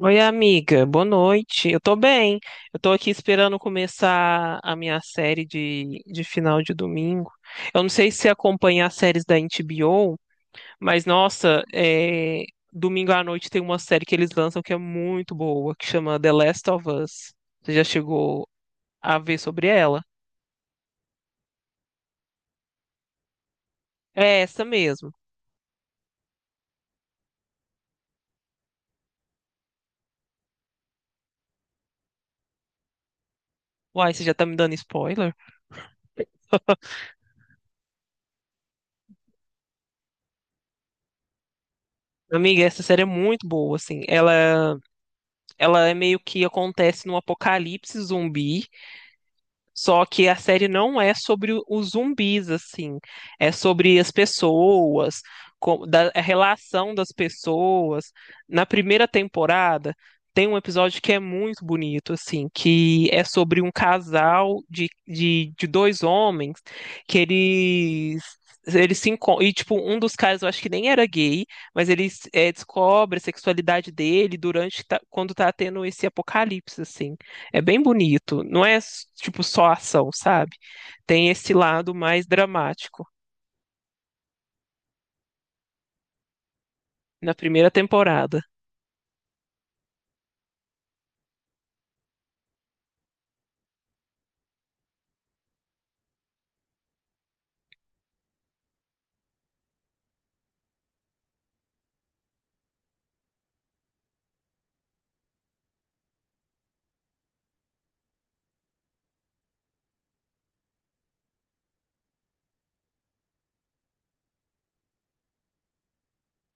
Oi, amiga, boa noite. Eu tô bem. Eu tô aqui esperando começar a minha série de final de domingo. Eu não sei se você acompanha as séries da HBO, mas nossa, domingo à noite tem uma série que eles lançam que é muito boa, que chama The Last of Us. Você já chegou a ver sobre ela? É essa mesmo. Uai, você já tá me dando spoiler? Amiga, essa série é muito boa, assim. Ela é meio que acontece num apocalipse zumbi. Só que a série não é sobre os zumbis, assim. É sobre as pessoas, a relação das pessoas. Na primeira temporada, tem um episódio que é muito bonito, assim, que é sobre um casal de dois homens que eles. Eles se encon-. E, tipo, um dos caras, eu acho que nem era gay, mas ele descobre a sexualidade dele durante, quando tá tendo esse apocalipse, assim. É bem bonito. Não é tipo só ação, sabe? Tem esse lado mais dramático na primeira temporada.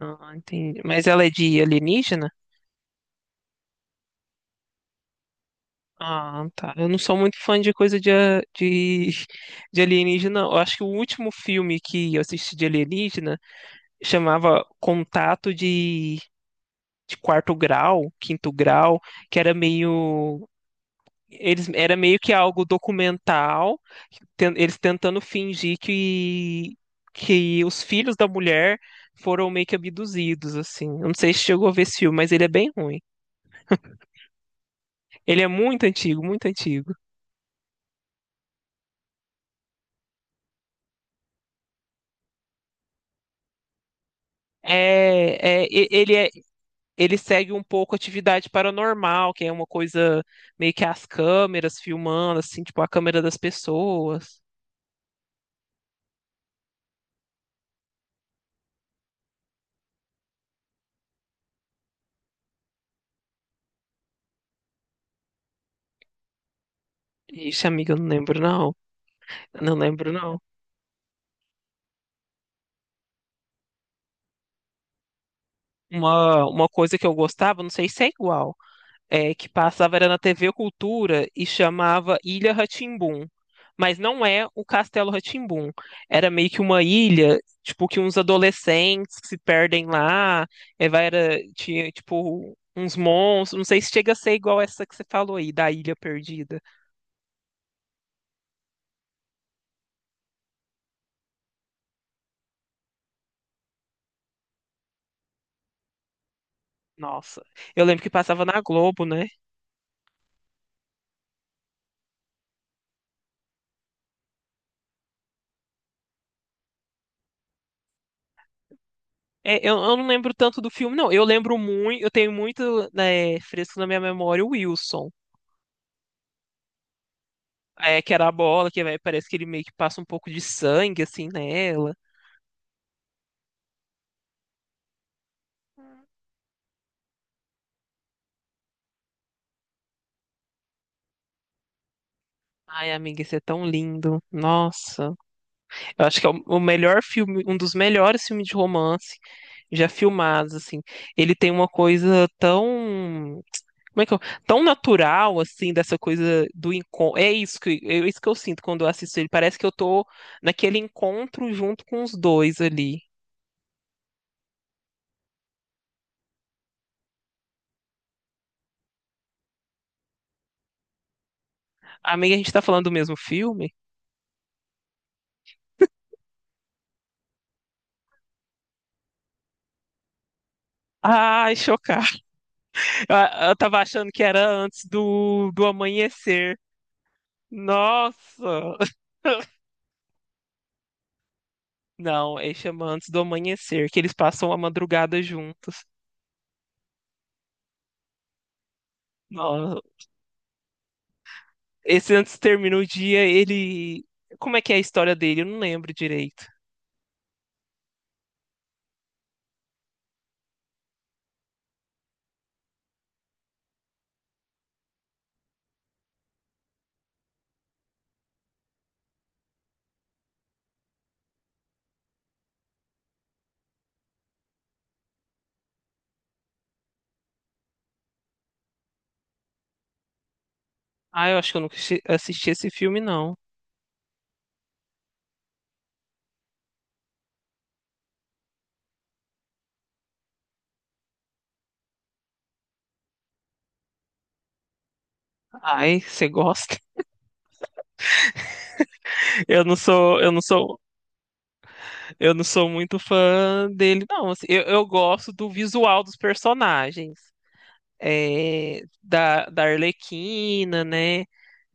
Ah, entendi. Mas ela é de alienígena? Ah, tá. Eu não sou muito fã de coisa de alienígena. Eu acho que o último filme que eu assisti de alienígena chamava Contato de quarto grau, quinto grau, que era meio, eles, era meio que algo documental, eles tentando fingir que os filhos da mulher foram meio que abduzidos, assim. Eu não sei se chegou a ver esse filme, mas ele é bem ruim. Ele é muito antigo, muito antigo. Ele ele segue um pouco atividade paranormal, que é uma coisa meio que as câmeras filmando, assim, tipo a câmera das pessoas. Ixi, amiga, eu não lembro, não. Eu não lembro, não. Uma coisa que eu gostava, não sei se é igual. Que passava era na TV Cultura e chamava Ilha rá. Mas não é o Castelo rá. Era meio que uma ilha, tipo, que uns adolescentes que se perdem lá, vai, era, tinha, tipo, uns monstros. Não sei se chega a ser igual essa que você falou aí, da Ilha Perdida. Nossa, eu lembro que passava na Globo, né? É, eu não lembro tanto do filme, não. Eu lembro muito, eu tenho muito, né, fresco na minha memória o Wilson. É, que era a bola, que vai, parece que ele meio que passa um pouco de sangue, assim, nela. Ai, amiga, isso é tão lindo. Nossa. Eu acho que é o melhor filme, um dos melhores filmes de romance já filmados, assim. Ele tem uma coisa tão, como é que eu, tão natural, assim, dessa coisa do encontro. É isso que eu sinto quando eu assisto ele. Parece que eu tô naquele encontro junto com os dois ali. Amiga, a gente tá falando do mesmo filme? Ai, chocada. Eu, eu tava achando que era antes do amanhecer. Nossa! Não, ele chama antes do amanhecer, que eles passam a madrugada juntos. Nossa, esse antes termina o dia, ele. Como é que é a história dele? Eu não lembro direito. Ah, eu acho que eu nunca assisti esse filme, não. Ai, você gosta? Eu não sou, eu não sou, eu não sou muito fã dele, não. Assim, eu gosto do visual dos personagens, da Arlequina, né?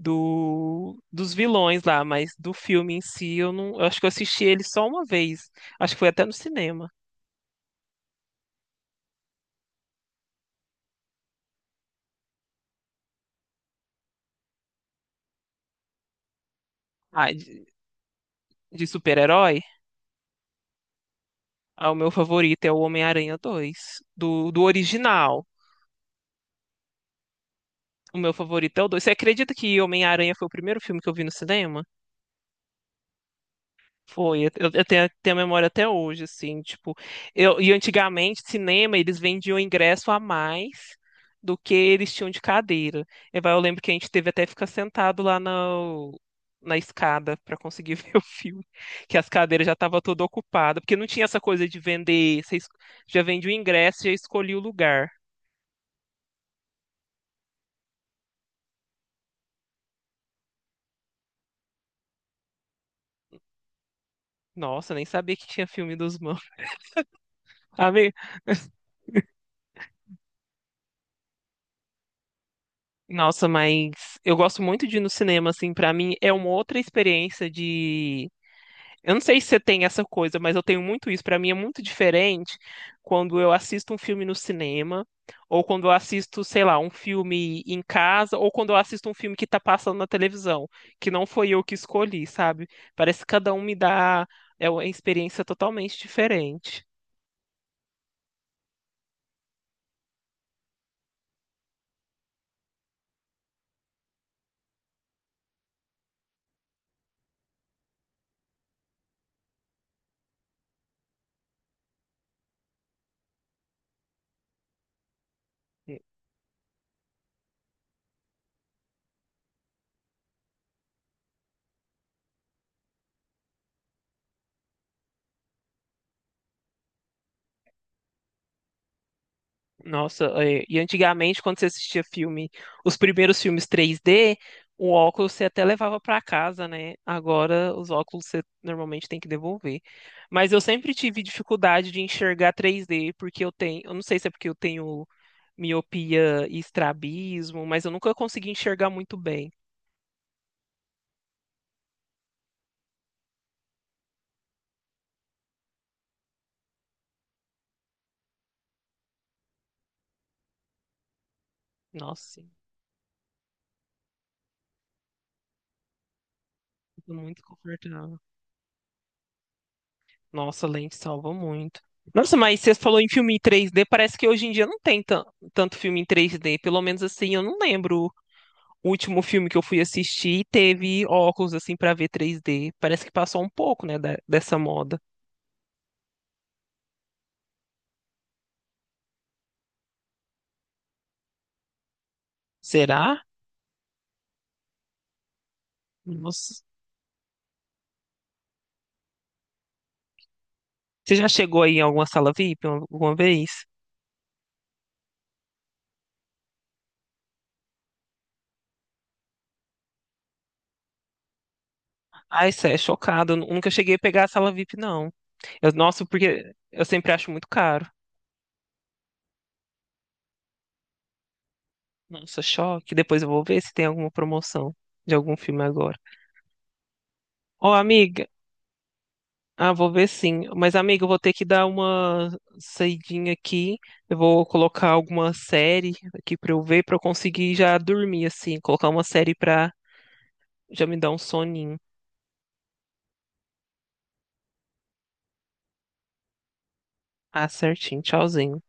Dos vilões lá, mas do filme em si, eu não, eu acho que eu assisti ele só uma vez. Acho que foi até no cinema. Ah, de super-herói? Ah, o meu favorito é o Homem-Aranha dois do original. O meu favorito é o dois. Você acredita que Homem-Aranha foi o primeiro filme que eu vi no cinema? Foi, eu tenho a memória até hoje, assim, tipo, e antigamente, cinema, eles vendiam ingresso a mais do que eles tinham de cadeira. Eu lembro que a gente teve até que ficar sentado lá na escada para conseguir ver o filme, que as cadeiras já estavam todas ocupadas, porque não tinha essa coisa de vender, você já vende o ingresso, já escolhi o lugar. Nossa, nem sabia que tinha filme dos mãos, sabe? Nossa, mas eu gosto muito de ir no cinema, assim, para mim é uma outra experiência de. Eu não sei se você tem essa coisa, mas eu tenho muito isso. Para mim é muito diferente quando eu assisto um filme no cinema, ou quando eu assisto, sei lá, um filme em casa, ou quando eu assisto um filme que tá passando na televisão, que não foi eu que escolhi, sabe? Parece que cada um me dá é uma experiência totalmente diferente. E- Nossa, e antigamente, quando você assistia filme, os primeiros filmes 3D, o óculos você até levava para casa, né? Agora, os óculos você normalmente tem que devolver. Mas eu sempre tive dificuldade de enxergar 3D, porque eu tenho, eu não sei se é porque eu tenho miopia e estrabismo, mas eu nunca consegui enxergar muito bem. Nossa, sim, fico muito confortável. Nossa, a lente salva muito. Nossa, mas você falou em filme em 3D, parece que hoje em dia não tem tanto filme em 3D, pelo menos assim, eu não lembro. O último filme que eu fui assistir teve óculos assim pra ver 3D. Parece que passou um pouco, né, dessa moda. Será? Nossa. Você já chegou aí em alguma sala VIP alguma vez? Ai, isso é chocado. Eu nunca cheguei a pegar a sala VIP, não. Eu, nossa, porque eu sempre acho muito caro. Nossa, choque. Depois eu vou ver se tem alguma promoção de algum filme agora. Ô, amiga. Ah, vou ver sim. Mas, amigo, eu vou ter que dar uma saidinha aqui. Eu vou colocar alguma série aqui pra eu ver, pra eu conseguir já dormir, assim. Colocar uma série pra já me dar um soninho. Ah, certinho. Tchauzinho.